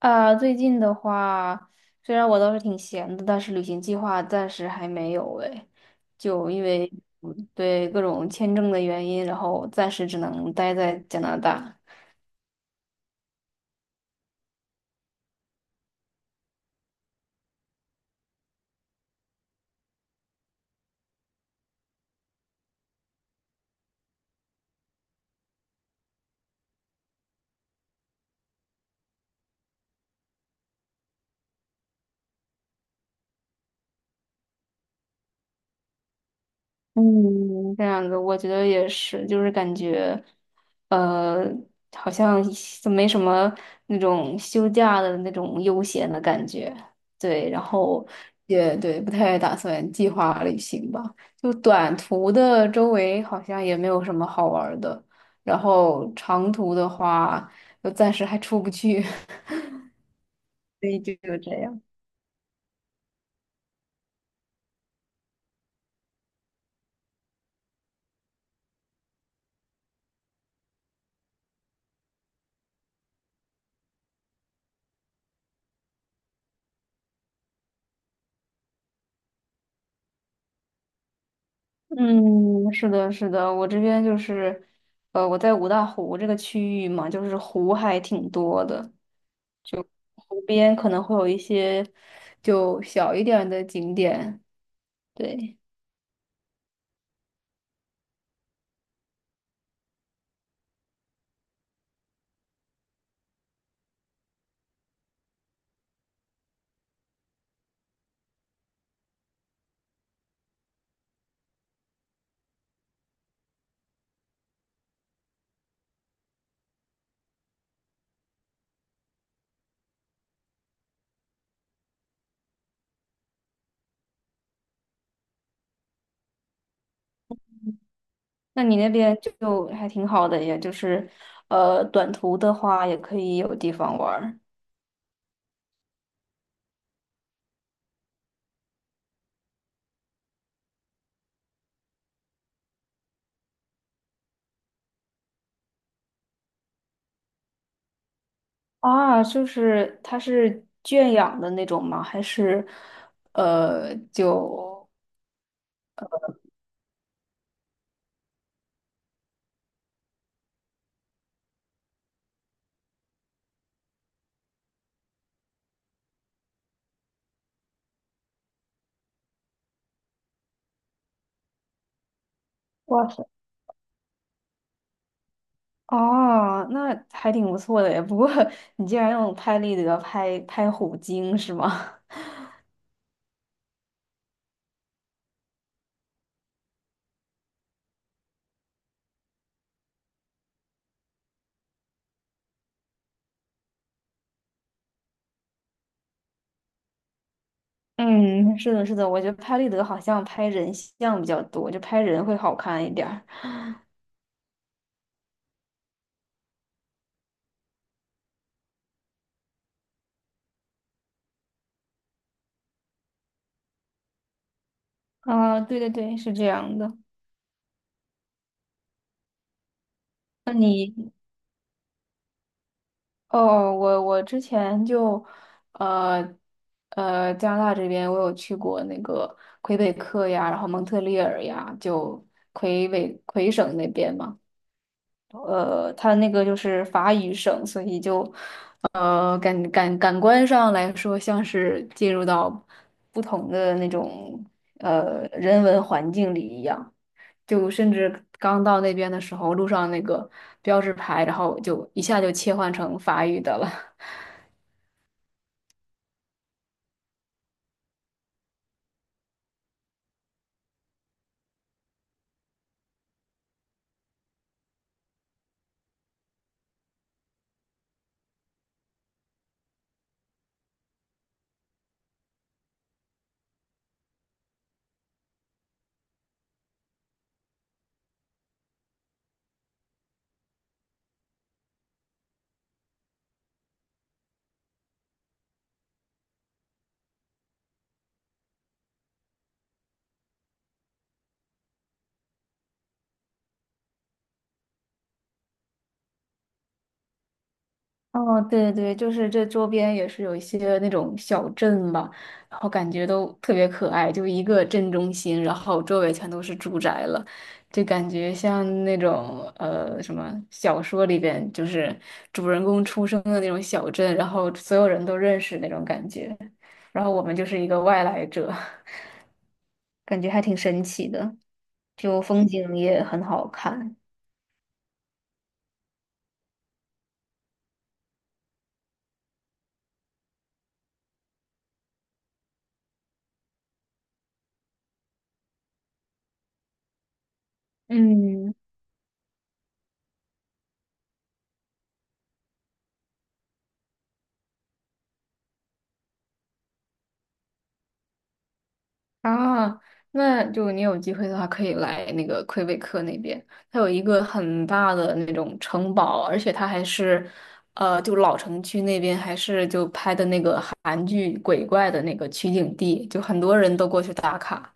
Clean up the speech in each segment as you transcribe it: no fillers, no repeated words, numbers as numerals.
啊，最近的话，虽然我倒是挺闲的，但是旅行计划暂时还没有哎，就因为，嗯，对，各种签证的原因，然后暂时只能待在加拿大。嗯，这样子我觉得也是，就是感觉，呃，好像就没什么那种休假的那种悠闲的感觉。对，然后也对，不太打算计划旅行吧。就短途的周围好像也没有什么好玩儿的，然后长途的话，就暂时还出不去，所以就这样。嗯，是的，是的，我这边就是，我在五大湖这个区域嘛，就是湖还挺多的，湖边可能会有一些就小一点儿的景点。对，那你那边就还挺好的，也就是，短途的话也可以有地方玩儿啊。就是它是圈养的那种吗？还是，呃，就？哇塞。哦，那还挺不错的耶。不过你竟然用拍立得拍虎鲸是吗？嗯，是的，是的，我觉得拍立得好像拍人像比较多，就拍人会好看一点儿。啊、对对对，是这样的。哦，我之前就，呃加拿大这边我有去过那个魁北克呀，然后蒙特利尔呀，就魁省那边嘛。它那个就是法语省，所以就，感官上来说，像是进入到不同的那种人文环境里一样。就甚至刚到那边的时候，路上那个标志牌，然后就一下就切换成法语的了。哦，对对对，就是这周边也是有一些那种小镇吧，然后感觉都特别可爱，就一个镇中心，然后周围全都是住宅了，就感觉像那种什么小说里边，就是主人公出生的那种小镇，然后所有人都认识那种感觉，然后我们就是一个外来者，感觉还挺神奇的，就风景也很好看。嗯。啊，那就你有机会的话，可以来那个魁北克那边，它有一个很大的那种城堡，而且它还是，就老城区那边还是就拍的那个韩剧鬼怪的那个取景地，就很多人都过去打卡。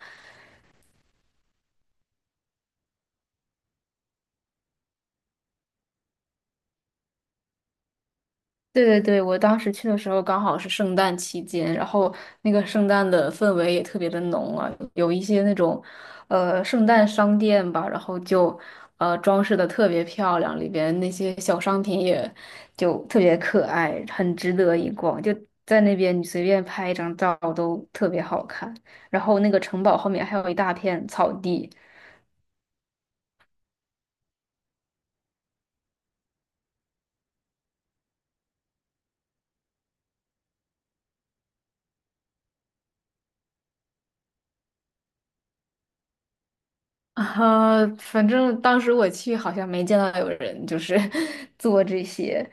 对对对，我当时去的时候刚好是圣诞期间，然后那个圣诞的氛围也特别的浓啊，有一些那种，圣诞商店吧，然后就，装饰的特别漂亮，里边那些小商品也就特别可爱，很值得一逛。就在那边你随便拍一张照都特别好看，然后那个城堡后面还有一大片草地。啊，反正当时我去好像没见到有人就是 做这些，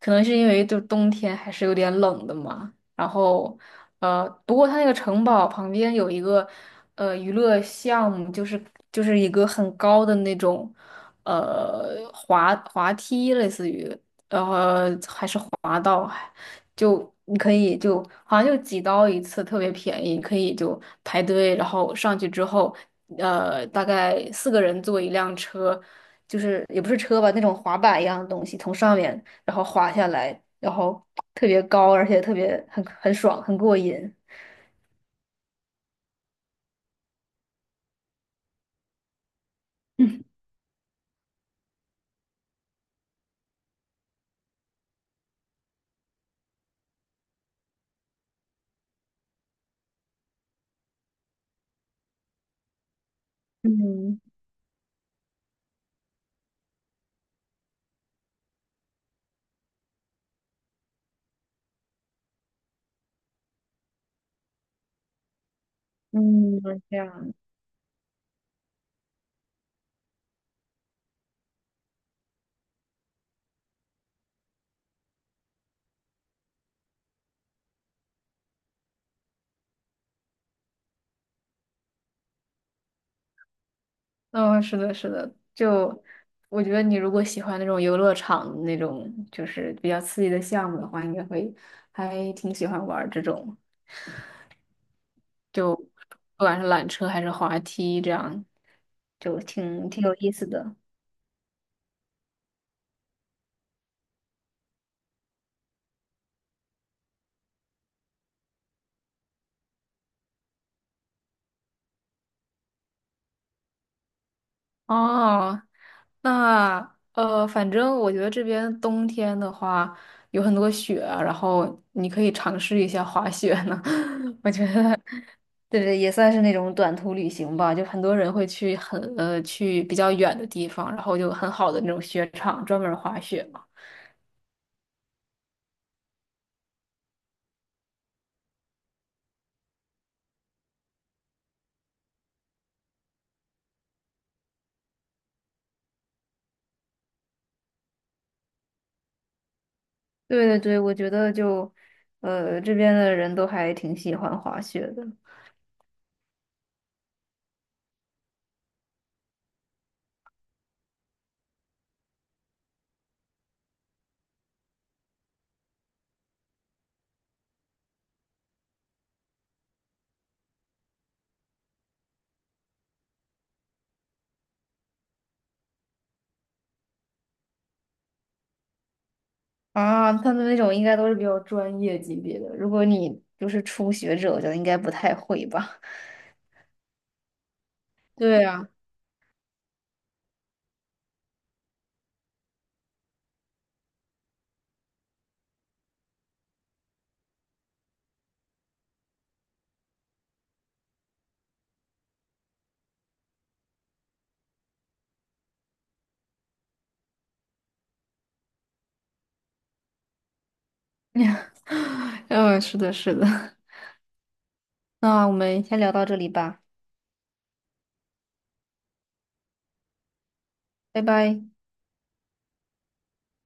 可能是因为就冬天还是有点冷的嘛。然后，不过它那个城堡旁边有一个娱乐项目，就是一个很高的那种滑滑梯，类似于还是滑道。就你可以就好像就几刀一次，特别便宜，可以就排队，然后上去之后，大概四个人坐一辆车，就是也不是车吧，那种滑板一样的东西，从上面然后滑下来，然后特别高，而且特别很爽，很过瘾。嗯嗯，这样。嗯、是的，是的。就我觉得你如果喜欢那种游乐场那种就是比较刺激的项目的话，应该会还挺喜欢玩儿这种。就不管是缆车还是滑梯，这样就挺有意思的。哦，那，反正我觉得这边冬天的话有很多雪啊，然后你可以尝试一下滑雪呢。我觉得，对对，也算是那种短途旅行吧。就很多人会去比较远的地方，然后就很好的那种雪场专门滑雪嘛。对对对，我觉得就，这边的人都还挺喜欢滑雪的。啊，他们那种应该都是比较专业级别的，如果你就是初学者，我觉得应该不太会吧。对呀。嗯，是的，是的。那我们先聊到这里吧，拜拜。